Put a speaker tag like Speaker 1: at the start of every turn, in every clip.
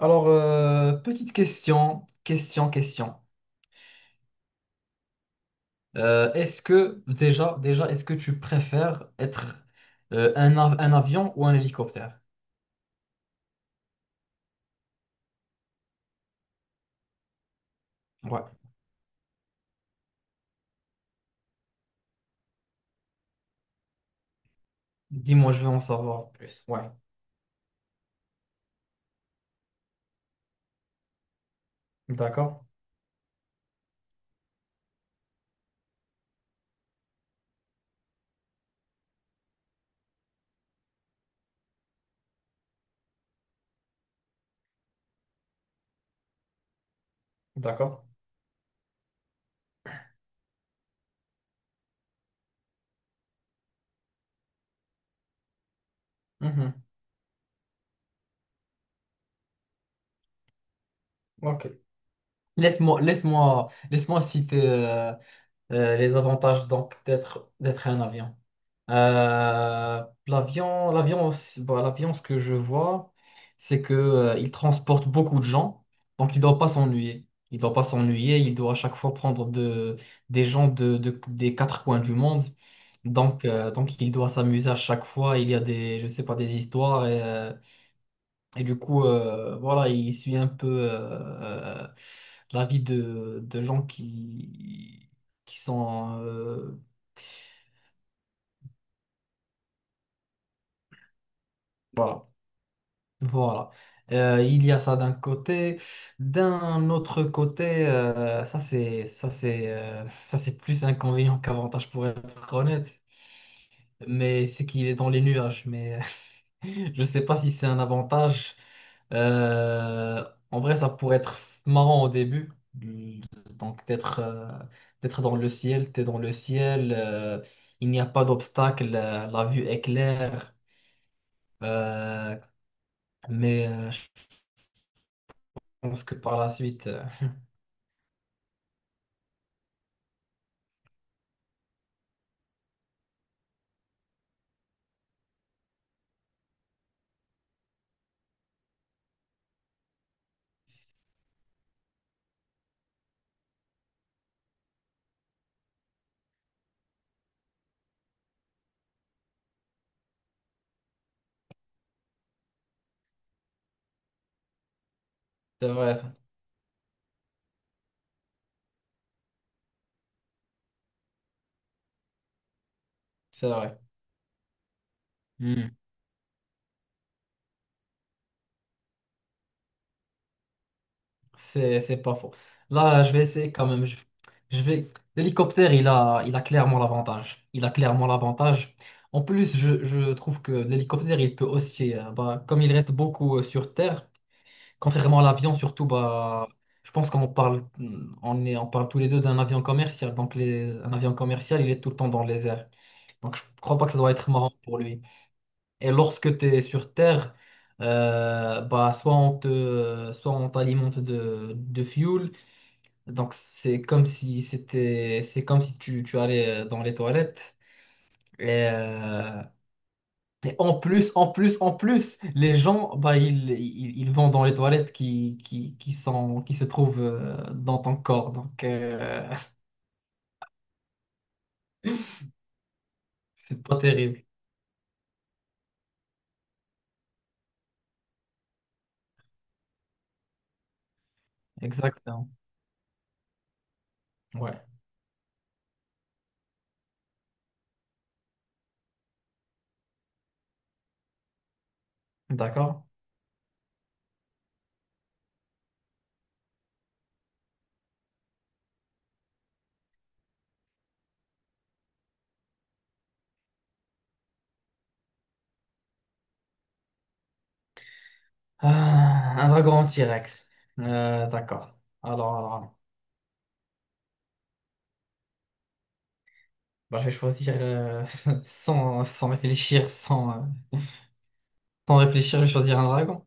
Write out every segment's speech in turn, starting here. Speaker 1: Alors, petite question. Est-ce que est-ce que tu préfères être un avion ou un hélicoptère? Ouais. Dis-moi, je veux en savoir plus. Ouais. D'accord. D'accord. Mhm. Ok. Laisse-moi citer les avantages donc d'être un avion. L'avion, bah, l'avion, ce que je vois, c'est que, il transporte beaucoup de gens, donc il ne doit pas s'ennuyer. Il ne doit pas s'ennuyer, il doit à chaque fois des gens des quatre coins du monde. Donc il doit s'amuser à chaque fois. Il y a des, je sais pas, des histoires. Et du coup, voilà, il suit un peu la vie de gens qui sont... voilà. Voilà. Il y a ça d'un côté. D'un autre côté, ça c'est plus inconvénient qu'avantage pour être honnête. Mais c'est qu'il est dans les nuages. Mais je sais pas si c'est un avantage. Euh, en vrai, ça pourrait être marrant au début. Donc d'être dans le ciel, t'es dans le ciel. Il n'y a pas d'obstacle. La vue est claire. Euh, mais je pense que par la suite. C'est vrai, ça. C'est vrai. Hmm. C'est pas faux. Là, je vais essayer quand même. Je vais... L'hélicoptère, il a clairement l'avantage. Il a clairement l'avantage. En plus, je trouve que l'hélicoptère, il peut aussi, bah, comme il reste beaucoup sur Terre, contrairement à l'avion, surtout, bah, je pense qu'on parle, hmm, on est, on parle tous les deux d'un avion commercial. Donc, un avion commercial, il est tout le temps dans les airs. Donc, je crois pas que ça doit être marrant pour lui. Et lorsque tu es sur Terre, bah, soit on t'alimente de fuel. Donc, c'est comme si tu allais dans les toilettes. Et, euh, et en plus, les gens, bah, ils vont dans les toilettes qui sont, qui se trouvent dans ton corps. Donc, c'est pas terrible. Exactement. Ouais. D'accord. Ah, un dragon en T-Rex. D'accord. Alors, alors. Bah, je vais choisir sans réfléchir, sans réfléchir, je vais choisir un dragon.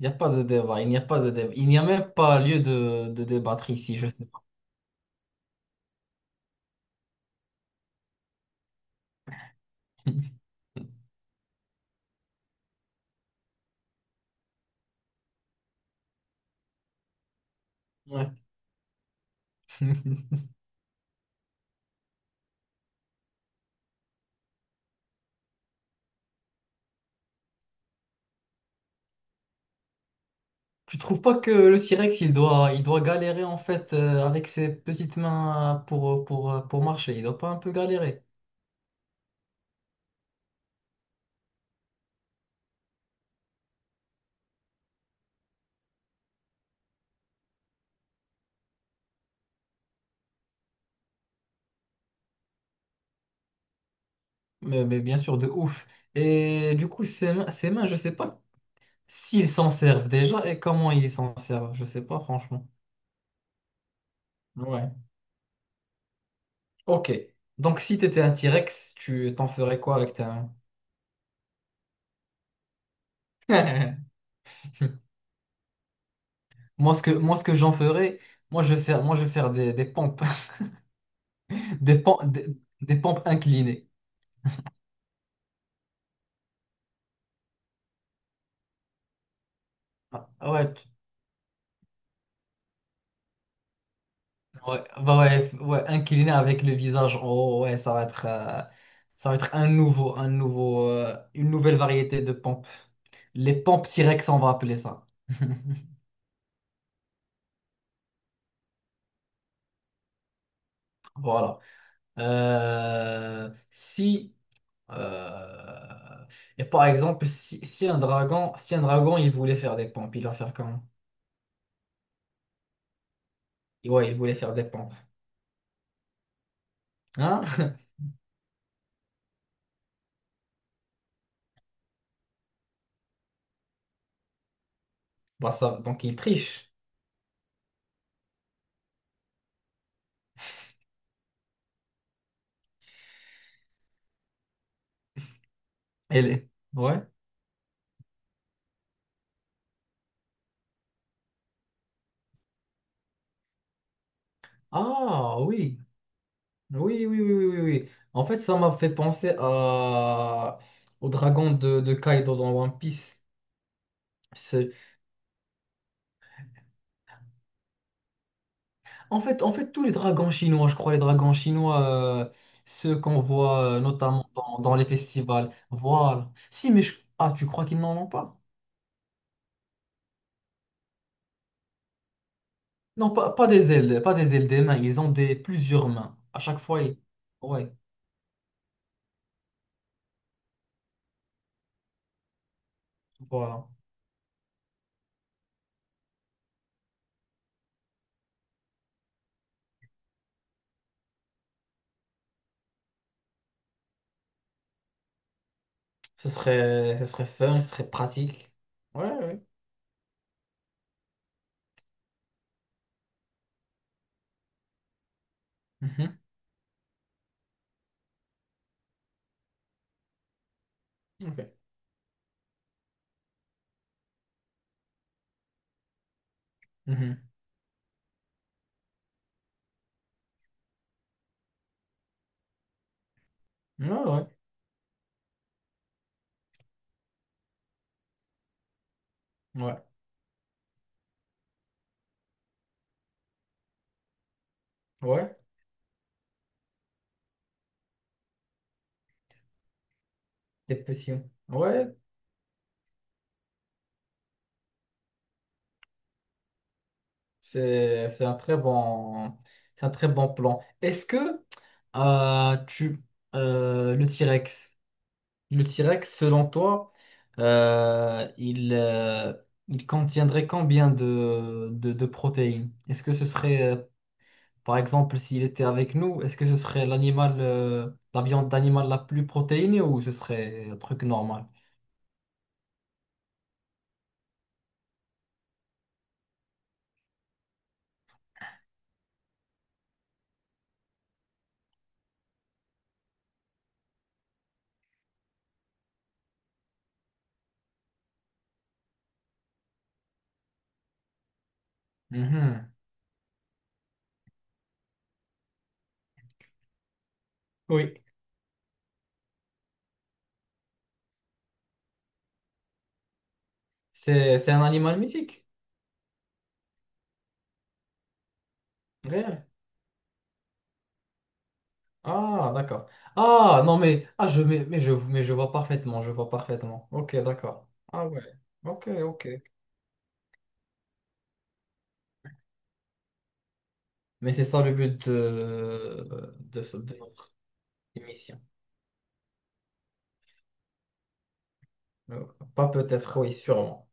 Speaker 1: Il n'y a pas de débat. Il n'y a même pas lieu de débattre ici, je sais pas. Ouais. Tu trouves pas que le T-Rex, il doit galérer en fait avec ses petites mains pour marcher. Il doit pas un peu galérer. Mais bien sûr, de ouf. Et du coup, ses mains, je sais pas s'ils s'en servent déjà et comment ils s'en servent. Je sais pas, franchement. Ouais. Ok. Donc, si t'étais un T-Rex, tu t'en ferais quoi avec ta... moi, ce que j'en ferais, moi, je vais faire des pompes, des, pom- des, des pompes inclinées. Ah, Ouais, tu- ouais, ouais, incliné avec le visage en haut, ouais, ça va être un nouveau, une nouvelle variété de pompes. Les pompes T-Rex, on va appeler ça. Voilà. Si Euh, Et par exemple, si un dragon, si un dragon, il voulait faire des pompes, il va faire comment? Ouais, il voulait faire des pompes. Hein? Bah ça, donc il triche. Elle est. Ouais. Ah oui. Oui, oui, oui, oui, oui, oui. En fait, ça m'a fait penser à... au dragon de Kaido dans One Piece. Ce- en fait, tous les dragons chinois, je crois, les dragons chinois, euh, ceux qu'on voit notamment dans les festivals. Voilà. Si, mais je- Ah, tu crois qu'ils n'en ont pas? Pas des ailes, pas des ailes des mains, ils ont des plusieurs mains. À chaque fois, ils... Ouais, voilà. Ce serait fun, ce serait pratique. Ouais, ouais. Mhm. Ok. Mhm. Ouais, ouais. Ouais, ouais. Des petits. Ouais, c'est, c'est un très bon, c'est un très bon plan. Est-ce que tu, le T-Rex, Le T-Rex, selon toi, euh, il, euh, il contiendrait combien de protéines? Est-ce que ce serait, par exemple, s'il était avec nous, est-ce que ce serait l'animal, la viande d'animal la plus protéinée ou ce serait un truc normal? Mhm. Oui. C'est un animal mythique, réel. Ah, d'accord. Ah, non, mais, ah, je, mais je vois parfaitement, je vois parfaitement. Ok, d'accord. Ah ouais. Ok, ok. Mais c'est ça le but de notre émission. Euh, Pas peut-être, oui, sûrement.